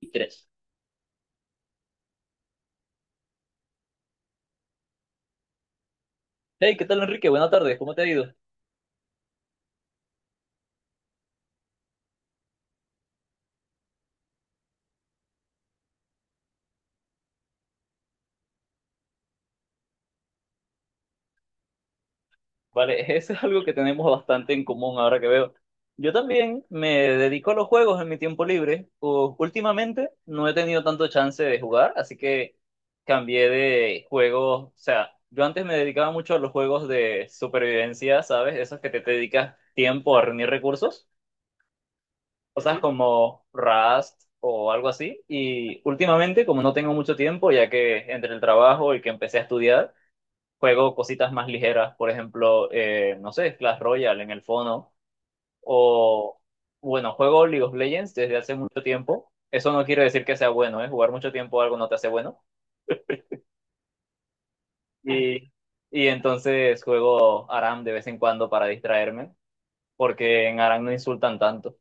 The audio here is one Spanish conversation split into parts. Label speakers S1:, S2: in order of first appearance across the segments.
S1: Y tres. Hey, ¿qué tal, Enrique? Buenas tardes, ¿cómo te ha ido? Vale, eso es algo que tenemos bastante en común ahora que veo. Yo también me dedico a los juegos en mi tiempo libre. Últimamente no he tenido tanto chance de jugar, así que cambié de juegos. O sea, yo antes me dedicaba mucho a los juegos de supervivencia, ¿sabes? Esos que te dedicas tiempo a reunir recursos, cosas como Rust o algo así. Y últimamente, como no tengo mucho tiempo, ya que entre el trabajo y que empecé a estudiar, juego cositas más ligeras, por ejemplo, no sé, Clash Royale en el fono, o bueno, juego League of Legends desde hace mucho tiempo. Eso no quiere decir que sea bueno, ¿eh? Jugar mucho tiempo algo no te hace bueno. Y, y entonces juego Aram de vez en cuando para distraerme, porque en Aram no insultan tanto.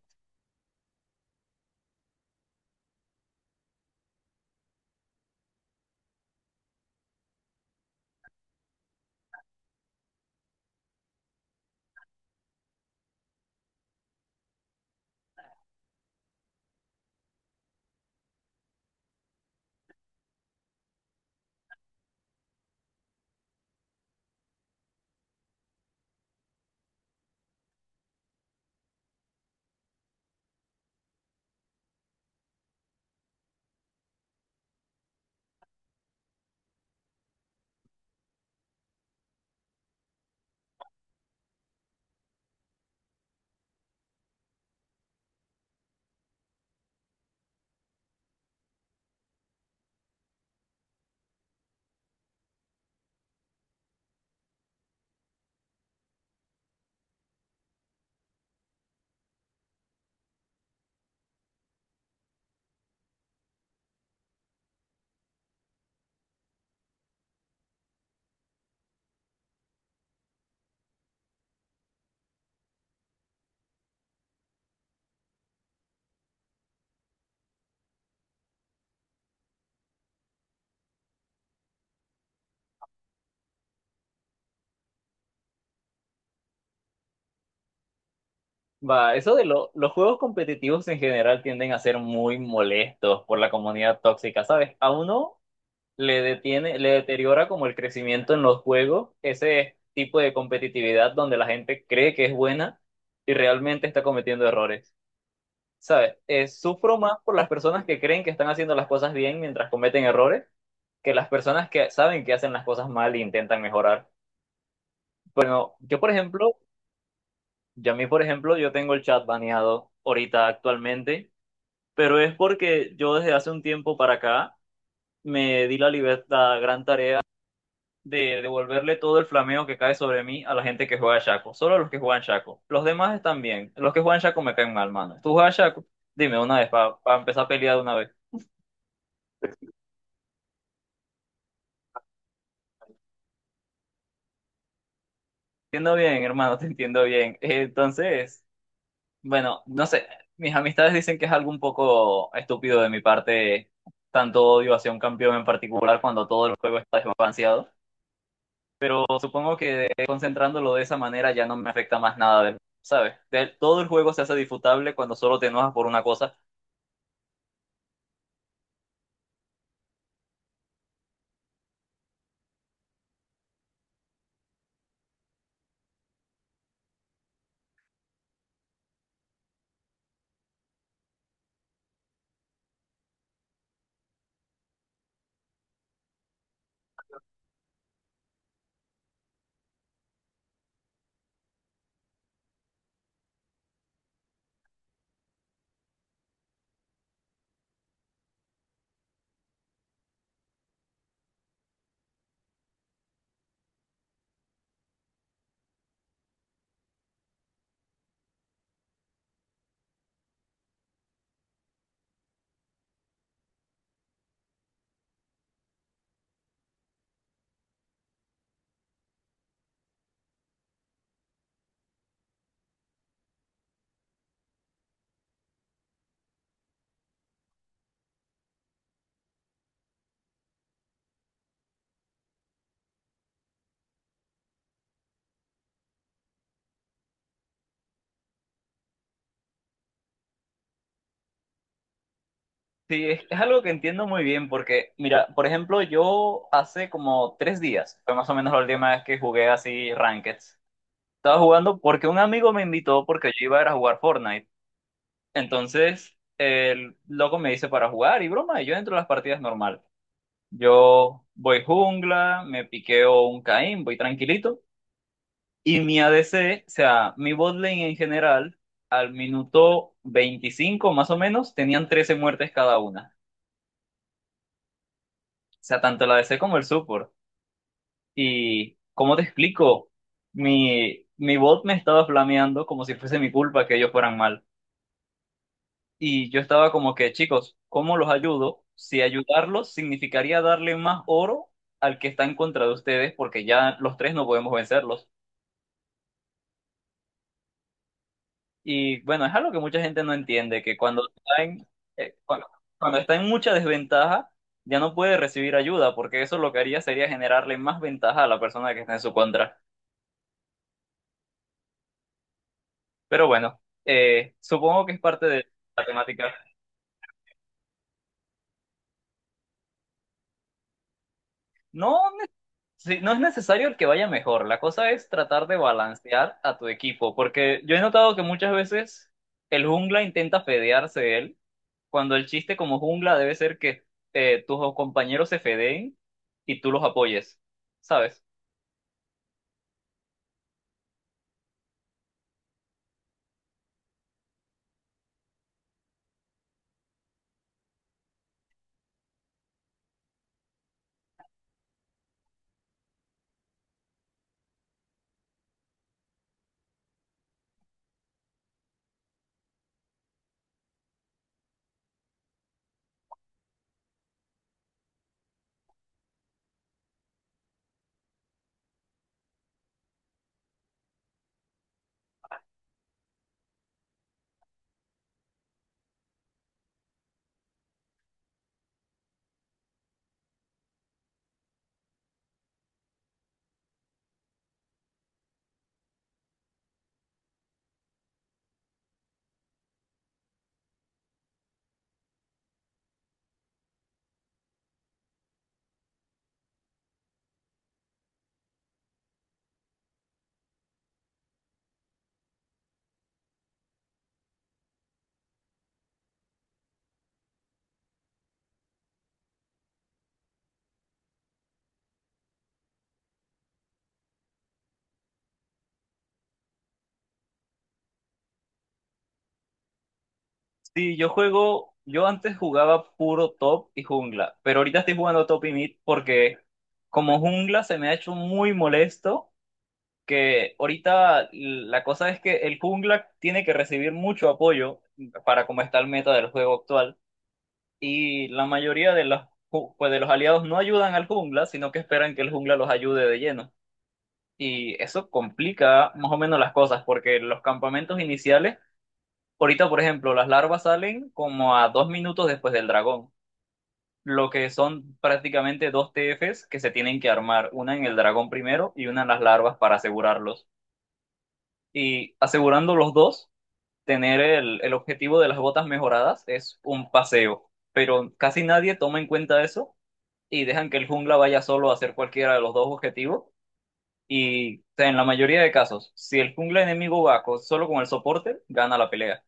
S1: Va, eso de los juegos competitivos en general tienden a ser muy molestos por la comunidad tóxica, ¿sabes? A uno le detiene, le deteriora como el crecimiento en los juegos, ese tipo de competitividad donde la gente cree que es buena y realmente está cometiendo errores. ¿Sabes? Sufro más por las personas que creen que están haciendo las cosas bien mientras cometen errores que las personas que saben que hacen las cosas mal e intentan mejorar. Bueno, yo por ejemplo, yo a mí por ejemplo, yo tengo el chat baneado ahorita actualmente, pero es porque yo desde hace un tiempo para acá me di la libertad, gran tarea, de devolverle todo el flameo que cae sobre mí a la gente que juega Shaco. Solo los que juegan Shaco. Los demás están bien. Los que juegan Shaco me caen mal, mano. ¿Tú juegas Shaco? Dime una vez, para empezar a pelear de una vez. Te entiendo bien, hermano, te entiendo bien. Entonces, bueno, no sé. Mis amistades dicen que es algo un poco estúpido de mi parte, tanto odio hacia un campeón en particular cuando todo el juego está desbalanceado. Pero supongo que concentrándolo de esa manera ya no me afecta más nada, ¿sabes? Todo el juego se hace disfrutable cuando solo te enojas por una cosa. Sí, es algo que entiendo muy bien porque, mira, por ejemplo, yo hace como tres días, fue más o menos la última vez que jugué así Rankeds. Estaba jugando porque un amigo me invitó porque yo iba a ir a jugar Fortnite. Entonces, el loco me dice para jugar y broma, y yo entro a las partidas normal. Yo voy jungla, me piqueo un Caín, voy tranquilito. Y mi ADC, o sea, mi bot lane en general, al minuto 25 más o menos, tenían 13 muertes cada una. O sea, tanto el ADC como el support. Y, ¿cómo te explico? Mi bot me estaba flameando como si fuese mi culpa que ellos fueran mal. Y yo estaba como que, chicos, ¿cómo los ayudo? Si ayudarlos significaría darle más oro al que está en contra de ustedes, porque ya los tres no podemos vencerlos. Y bueno, es algo que mucha gente no entiende, que cuando está en, eh, cuando, cuando está en mucha desventaja, ya no puede recibir ayuda, porque eso lo que haría sería generarle más ventaja a la persona que está en su contra. Pero bueno, supongo que es parte de la temática. No, sí, no es necesario el que vaya mejor. La cosa es tratar de balancear a tu equipo, porque yo he notado que muchas veces el jungla intenta fedearse de él, cuando el chiste como jungla debe ser que tus compañeros se fedeen y tú los apoyes, ¿sabes? Sí, yo juego, yo antes jugaba puro top y jungla, pero ahorita estoy jugando top y mid porque como jungla se me ha hecho muy molesto que ahorita la cosa es que el jungla tiene que recibir mucho apoyo para como está el meta del juego actual y la mayoría de los, pues de los aliados no ayudan al jungla, sino que esperan que el jungla los ayude de lleno. Y eso complica más o menos las cosas porque los campamentos iniciales, ahorita por ejemplo, las larvas salen como a dos minutos después del dragón. Lo que son prácticamente dos TFs que se tienen que armar, una en el dragón primero y una en las larvas para asegurarlos. Y asegurando los dos, tener el objetivo de las botas mejoradas es un paseo, pero casi nadie toma en cuenta eso y dejan que el jungla vaya solo a hacer cualquiera de los dos objetivos. Y o sea, en la mayoría de casos, si el jungla enemigo va solo con el soporte, gana la pelea.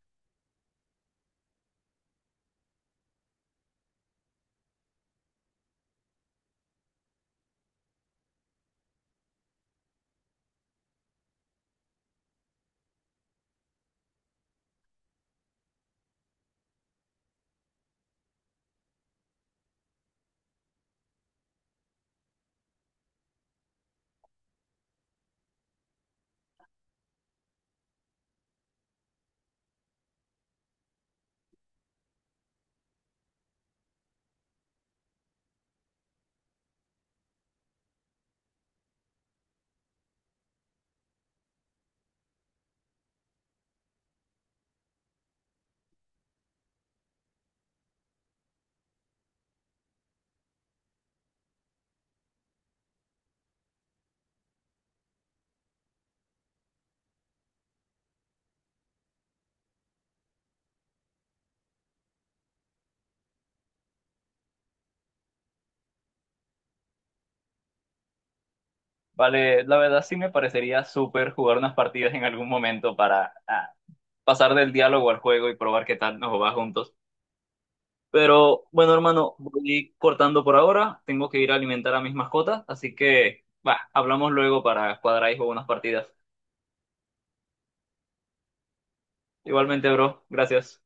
S1: Vale, la verdad sí me parecería súper jugar unas partidas en algún momento para ah, pasar del diálogo al juego y probar qué tal nos va juntos. Pero bueno, hermano, voy cortando por ahora. Tengo que ir a alimentar a mis mascotas, así que, va, hablamos luego para cuadrar ahí unas partidas. Igualmente, bro. Gracias.